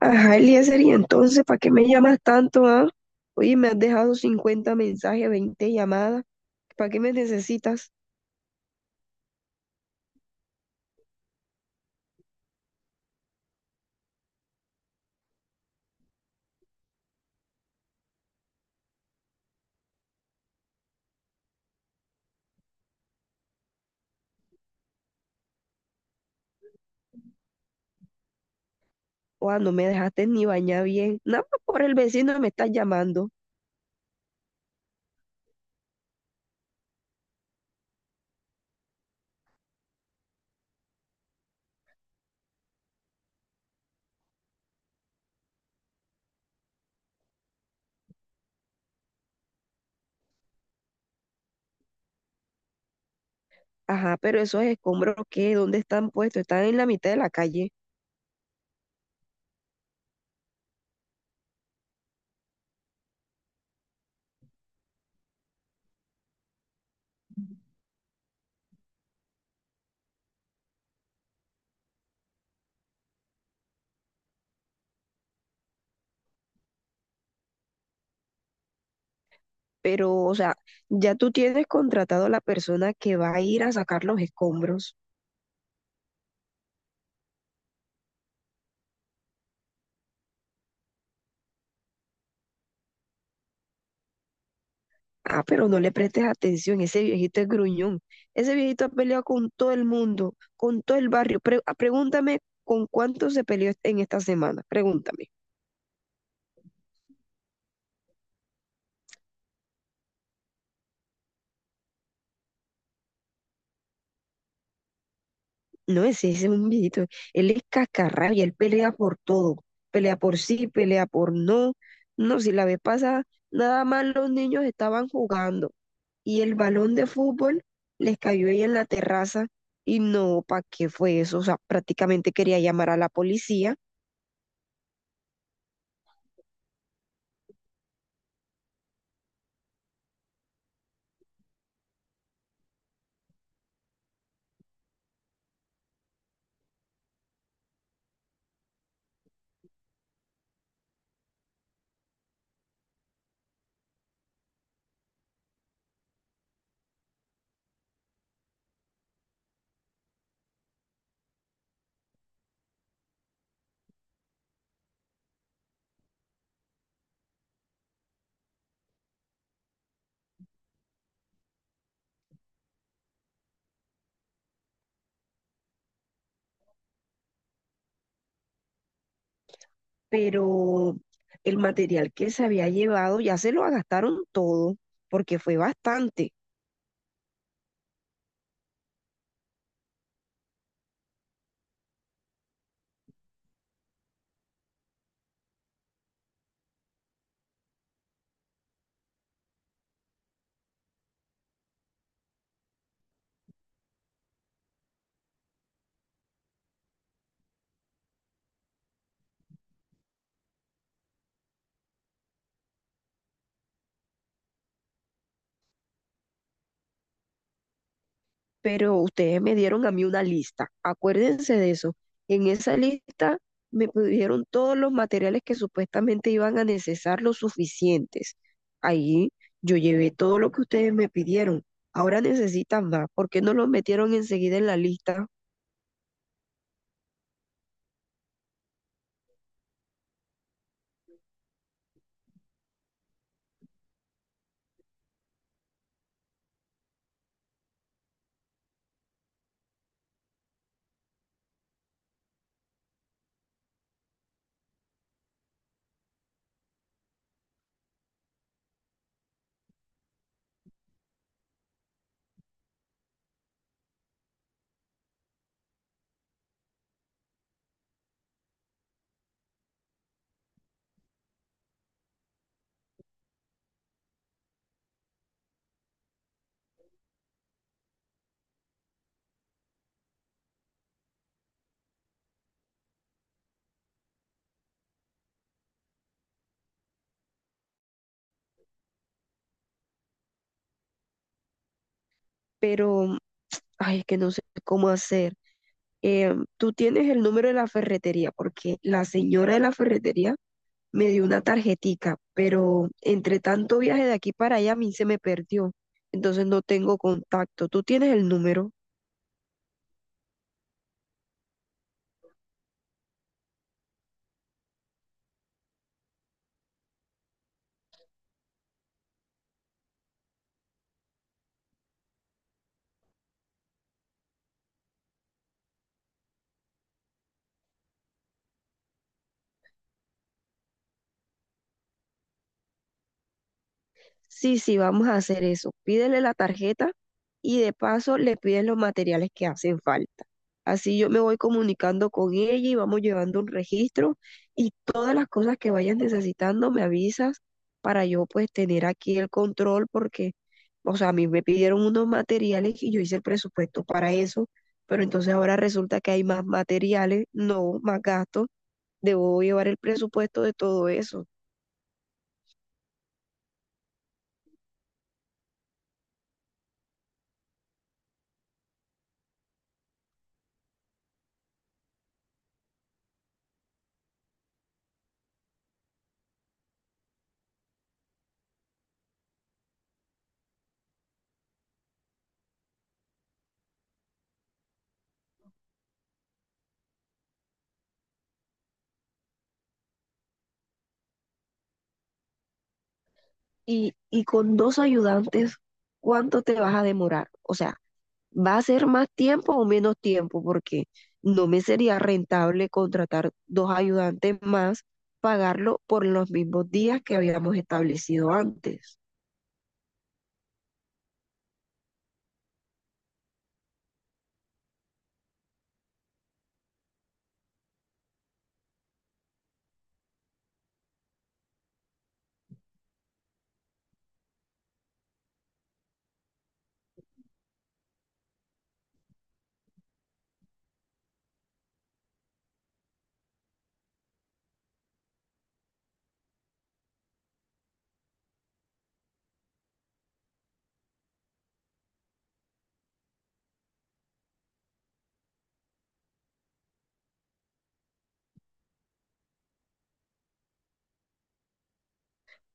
Ajá, Eliezer, y entonces, ¿para qué me llamas tanto, ah? Oye, me has dejado 50 mensajes, 20 llamadas. ¿Para qué me necesitas? Oa, no me dejaste ni bañar bien. Nada más por el vecino me estás llamando. Ajá, pero esos escombros, ¿qué? ¿Dónde están puestos? Están en la mitad de la calle. Pero, o sea, ya tú tienes contratado a la persona que va a ir a sacar los escombros. Ah, pero no le prestes atención, ese viejito es gruñón. Ese viejito ha peleado con todo el mundo, con todo el barrio. Pregúntame con cuánto se peleó en esta semana, pregúntame. No, ese es un viejito, él es cascarrabia, él pelea por todo, pelea por sí, pelea por no. No, si la vez pasada, nada más los niños estaban jugando y el balón de fútbol les cayó ahí en la terraza y no, ¿para qué fue eso? O sea, prácticamente quería llamar a la policía. Pero el material que se había llevado ya se lo gastaron todo, porque fue bastante. Pero ustedes me dieron a mí una lista, acuérdense de eso. En esa lista me pidieron todos los materiales que supuestamente iban a necesitar los suficientes. Ahí yo llevé todo lo que ustedes me pidieron. Ahora necesitan más. ¿Por qué no los metieron enseguida en la lista? Pero, ay, que no sé cómo hacer. Tú tienes el número de la ferretería, porque la señora de la ferretería me dio una tarjetica, pero entre tanto viaje de aquí para allá a mí se me perdió, entonces no tengo contacto. ¿Tú tienes el número? Sí, sí, vamos a hacer eso. Pídele la tarjeta y de paso le pides los materiales que hacen falta. Así yo me voy comunicando con ella y vamos llevando un registro y todas las cosas que vayas necesitando me avisas para yo pues tener aquí el control porque, o sea, a mí me pidieron unos materiales y yo hice el presupuesto para eso, pero entonces ahora resulta que hay más materiales, no más gastos, debo llevar el presupuesto de todo eso. Y con 2 ayudantes, ¿cuánto te vas a demorar? O sea, ¿va a ser más tiempo o menos tiempo? Porque no me sería rentable contratar 2 ayudantes más, pagarlo por los mismos días que habíamos establecido antes.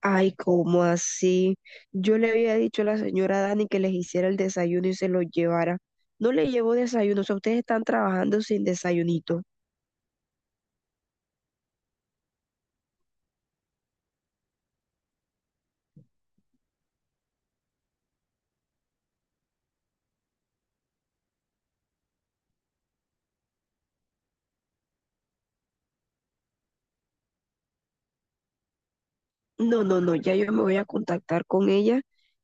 Ay, ¿cómo así? Yo le había dicho a la señora Dani que les hiciera el desayuno y se lo llevara. No le llevo desayuno, o sea, ustedes están trabajando sin desayunito. No, no, no, ya yo me voy a contactar con ella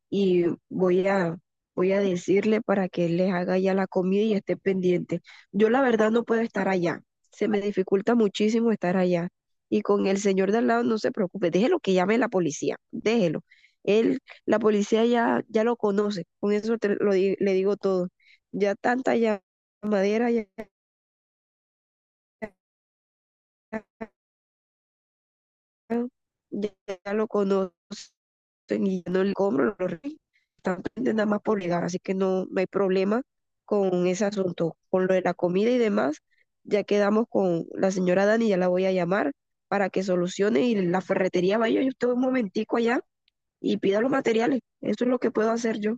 y voy a decirle para que él les haga ya la comida y esté pendiente. Yo la verdad no puedo estar allá, se me dificulta muchísimo estar allá. Y con el señor de al lado no se preocupe, déjelo que llame la policía, déjelo. Él, la policía ya lo conoce, con eso le digo todo. Ya tanta llamadera, ya, ya lo conocen y ya no le compro, lo rey, están pendientes nada más por llegar, así que no, no hay problema con ese asunto, con lo de la comida y demás, ya quedamos con la señora Dani, ya la voy a llamar para que solucione y la ferretería vaya, yo estoy un momentico allá y pida los materiales, eso es lo que puedo hacer yo.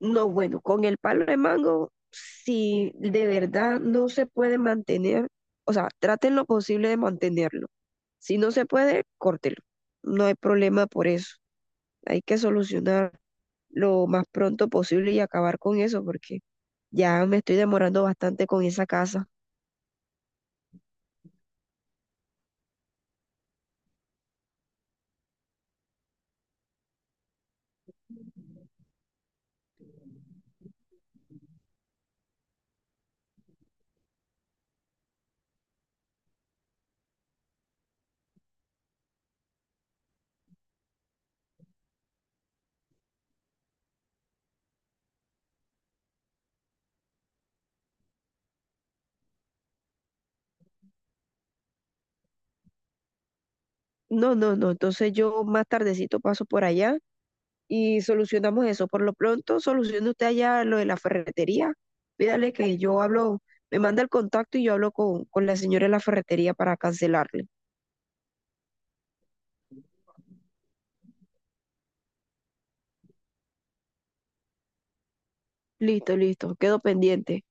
No, bueno, con el palo de mango, si de verdad no se puede mantener, o sea, traten lo posible de mantenerlo. Si no se puede, córtelo. No hay problema por eso. Hay que solucionar lo más pronto posible y acabar con eso porque ya me estoy demorando bastante con esa casa. No, no, no. Entonces yo más tardecito paso por allá y solucionamos eso. Por lo pronto, solucione usted allá lo de la ferretería. Pídale que yo hablo, me manda el contacto y yo hablo con la señora de la ferretería para cancelarle. Listo, listo, quedo pendiente.